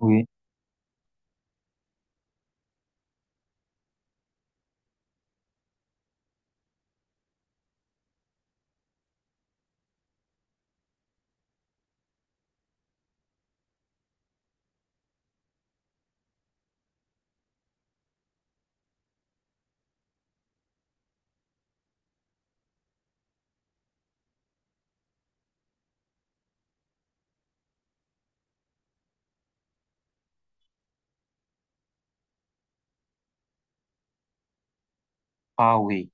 Oui. Ah oui.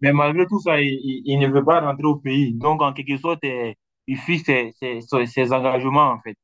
Mais malgré tout ça, il ne veut pas rentrer au pays. Donc, en quelque sorte, il fuit ses engagements, en fait.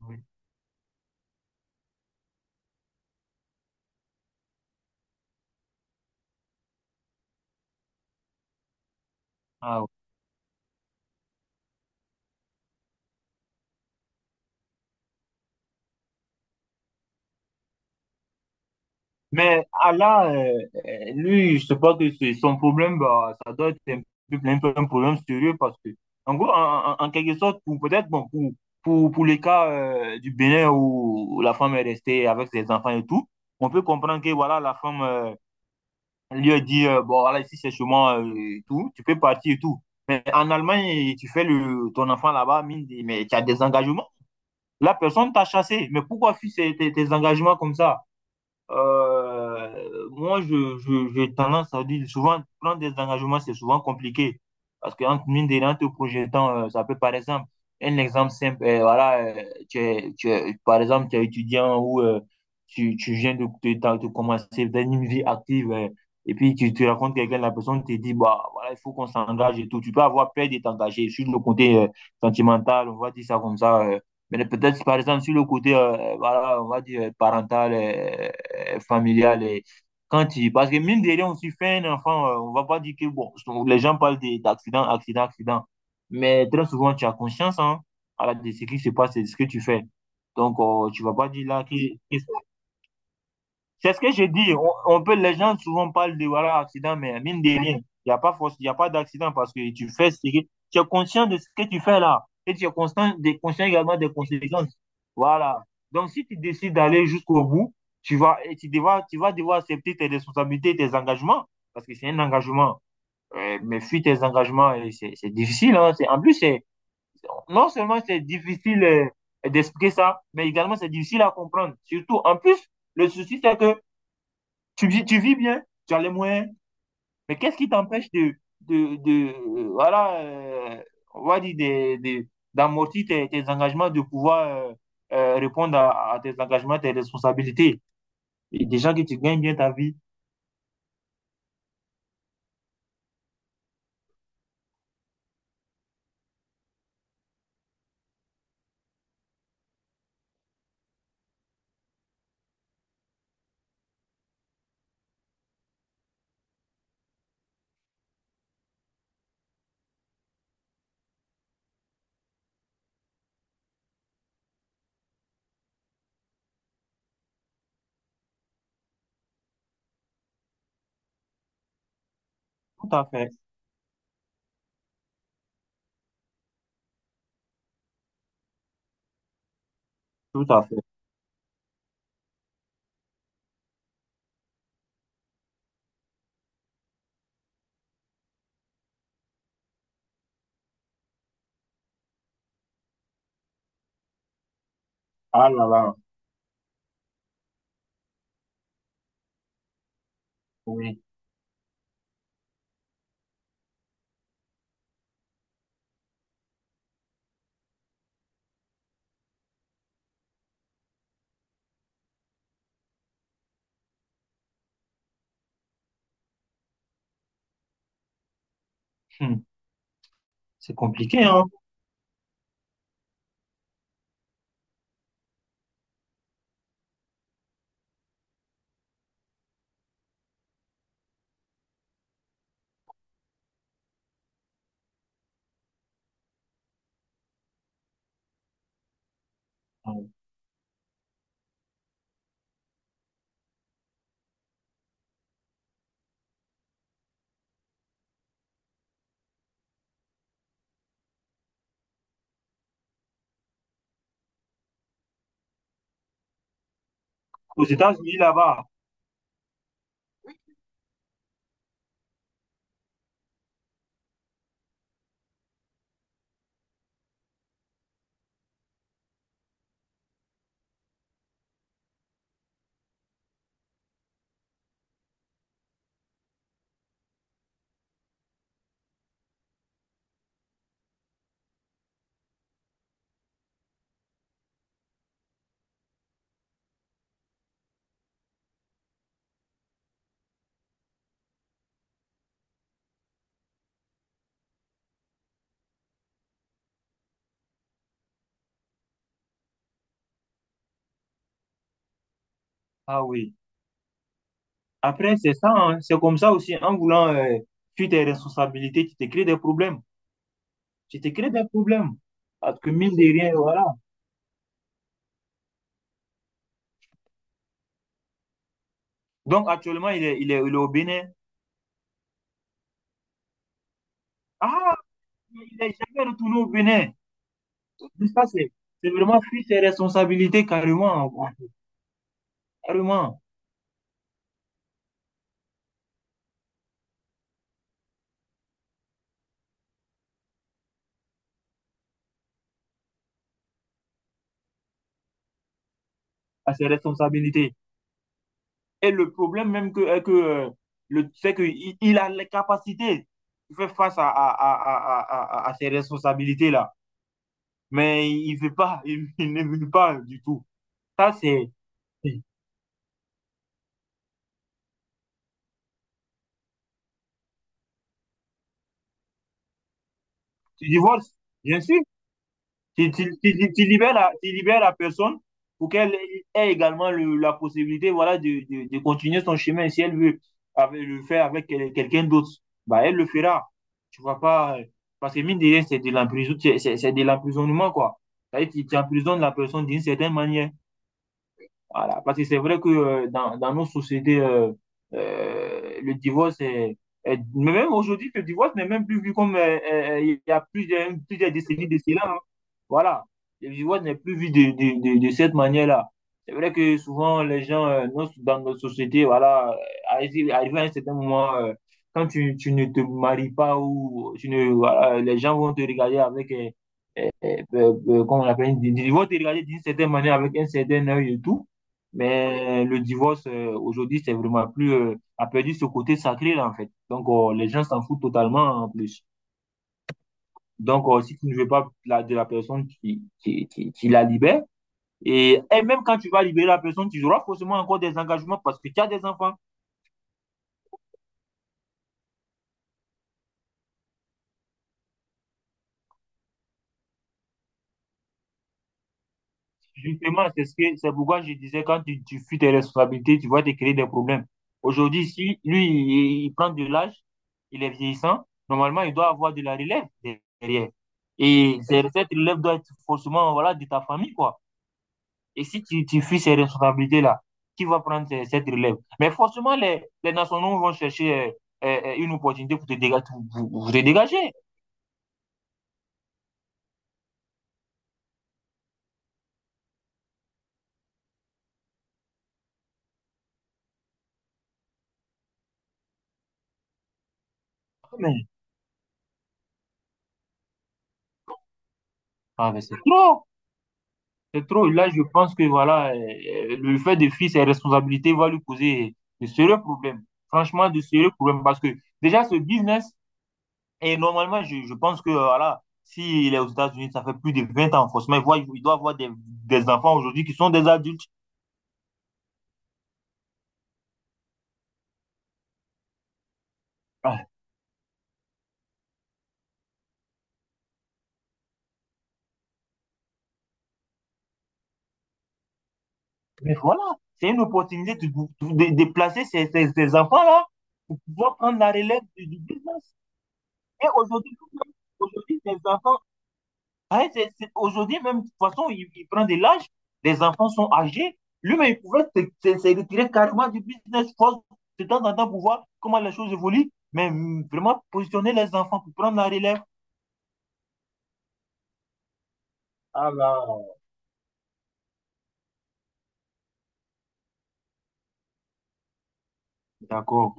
Oui. Ah ouais. Mais Allah, lui, je sais pas que c'est son problème, bah, ça doit être un peu, un peu un problème sérieux parce que, en gros, en quelque sorte, pour peut-être, bon, pour les cas du Bénin où la femme est restée avec ses enfants et tout, on peut comprendre que, voilà, la femme lui a dit, bon, voilà, ici, c'est chez moi et tout, tu peux partir et tout. Mais en Allemagne, tu fais le, ton enfant là-bas, mais tu as des engagements. La personne t'a chassé. Mais pourquoi fuir tes, tes engagements comme ça? Moi, j'ai tendance à dire souvent, prendre des engagements, c'est souvent compliqué. Parce que, entre mine de rien, te projetant, ça peut, par exemple, un exemple simple, voilà, par exemple, tu es étudiant ou tu, tu viens de commencer dans une vie active et puis tu racontes quelqu'un, la personne te dit, bah, voilà, il faut qu'on s'engage et tout. Tu peux avoir peur de t'engager sur le côté sentimental, on va dire ça comme ça. Mais peut-être, par exemple, sur le côté, voilà, on va dire parental. Familiale. Et quand il... Parce que mine de rien, on s'y fait un enfant, on va pas dire que bon, les gens parlent d'accident, accident, accident. Mais très souvent, tu as conscience hein, à la, de ce qui se passe et de ce que tu fais. Donc, tu vas pas dire là que, c'est ce que je dis. On peut, les gens souvent parlent de voilà, accident, mais mine de rien, il n'y a pas force, il a pas d'accident parce que tu fais ce que tu es conscient de ce que tu fais là. Et tu es conscient de, conscient également des conséquences. Voilà. Donc, si tu décides d'aller jusqu'au bout, tu vas, et tu, devras, tu vas devoir accepter tes responsabilités, tes engagements, parce que c'est un engagement. Mais fuis tes engagements, c'est difficile. Hein. En plus, c'est non seulement c'est difficile d'expliquer ça, mais également c'est difficile à comprendre. Surtout, en plus, le souci, c'est que tu vis bien, tu as les moyens, mais qu'est-ce qui t'empêche de, voilà, on va dire, d'amortir tes, tes engagements, de pouvoir répondre à tes engagements, tes responsabilités. Et déjà que tu gagnes bien ta vie, tout à fait, tout à fait. Ah là là, oui, hum, c'est compliqué, hein. Aux États-Unis, là-bas, ah oui. Après, c'est ça, hein, c'est comme ça aussi, en voulant fuir tes responsabilités, tu te crées des problèmes. Tu te crées des problèmes. Parce que mine de rien, voilà. Donc actuellement, il est au Bénin. Ah, il n'est jamais retourné au Bénin. Tout ça, c'est vraiment fuir ses responsabilités carrément, carrément à ses responsabilités. Et le problème même que le, c'est qu'il il a les capacités de faire face ces responsabilités-là. Mais il veut pas, il ne veut pas du tout. Ça, c'est du divorce, bien sûr. Tu libères la, tu libères la personne pour qu'elle ait également la possibilité voilà, de continuer son chemin. Si elle veut le faire avec quelqu'un d'autre, bah, elle le fera. Tu vois pas. Parce que mine de rien, c'est de l'emprisonnement, c'est de l'emprisonnement, quoi. C'est-à-dire tu emprisonnes la personne d'une certaine manière. Voilà. Parce que c'est vrai que dans, dans nos sociétés, le divorce est, mais même aujourd'hui, le divorce n'est même plus vu comme... il y a plusieurs, plusieurs décennies de cela. Hein. Voilà. Le divorce n'est plus vu de cette manière-là. C'est vrai que souvent, les gens dans notre société, voilà, arrivé à un certain moment, quand tu ne te maries pas ou tu ne, voilà, les gens vont te regarder avec... euh, comment on appelle, ils vont te regarder d'une certaine manière avec un certain œil et tout. Mais le divorce, aujourd'hui, c'est vraiment plus, a perdu ce côté sacré, là, en fait. Donc, les gens s'en foutent totalement, hein, en plus. Donc, si tu ne veux pas de la personne qui la libère, et même quand tu vas libérer la personne, tu auras forcément encore des engagements parce que tu as des enfants. Justement, c'est ce que, c'est pourquoi je disais, quand tu fuis tes responsabilités, tu vas te créer des problèmes. Aujourd'hui, si lui, il prend de l'âge, il est vieillissant, normalement, il doit avoir de la relève derrière. Cette relève doit être forcément, voilà, de ta famille, quoi. Et si tu, tu fuis ces responsabilités-là, qui va prendre cette relève? Mais forcément, les nationaux vont chercher une opportunité pour te dégager, pour, pour te dégager. Ah, mais, ah, mais c'est trop! C'est trop. Là, je pense que voilà, le fait de fuir ses responsabilités va lui causer de sérieux problèmes. Franchement, de sérieux problèmes. Parce que déjà, ce business, et normalement, je pense que voilà, s'il est aux États-Unis, ça fait plus de 20 ans. Forcément, il voit, il doit avoir des enfants aujourd'hui qui sont des adultes. Ah, mais voilà, c'est une opportunité de placer ces, ces, ces enfants-là pour pouvoir prendre la relève du business. Et aujourd'hui, aujourd'hui, ces enfants ouais, aujourd'hui, même, de toute façon, il prend de l'âge, les enfants sont âgés. Lui-même, il pouvait se, se retirer carrément du business force de temps en temps pour voir comment les choses évoluent, mais mm, vraiment positionner les enfants pour prendre la relève. Ah là, d'accord.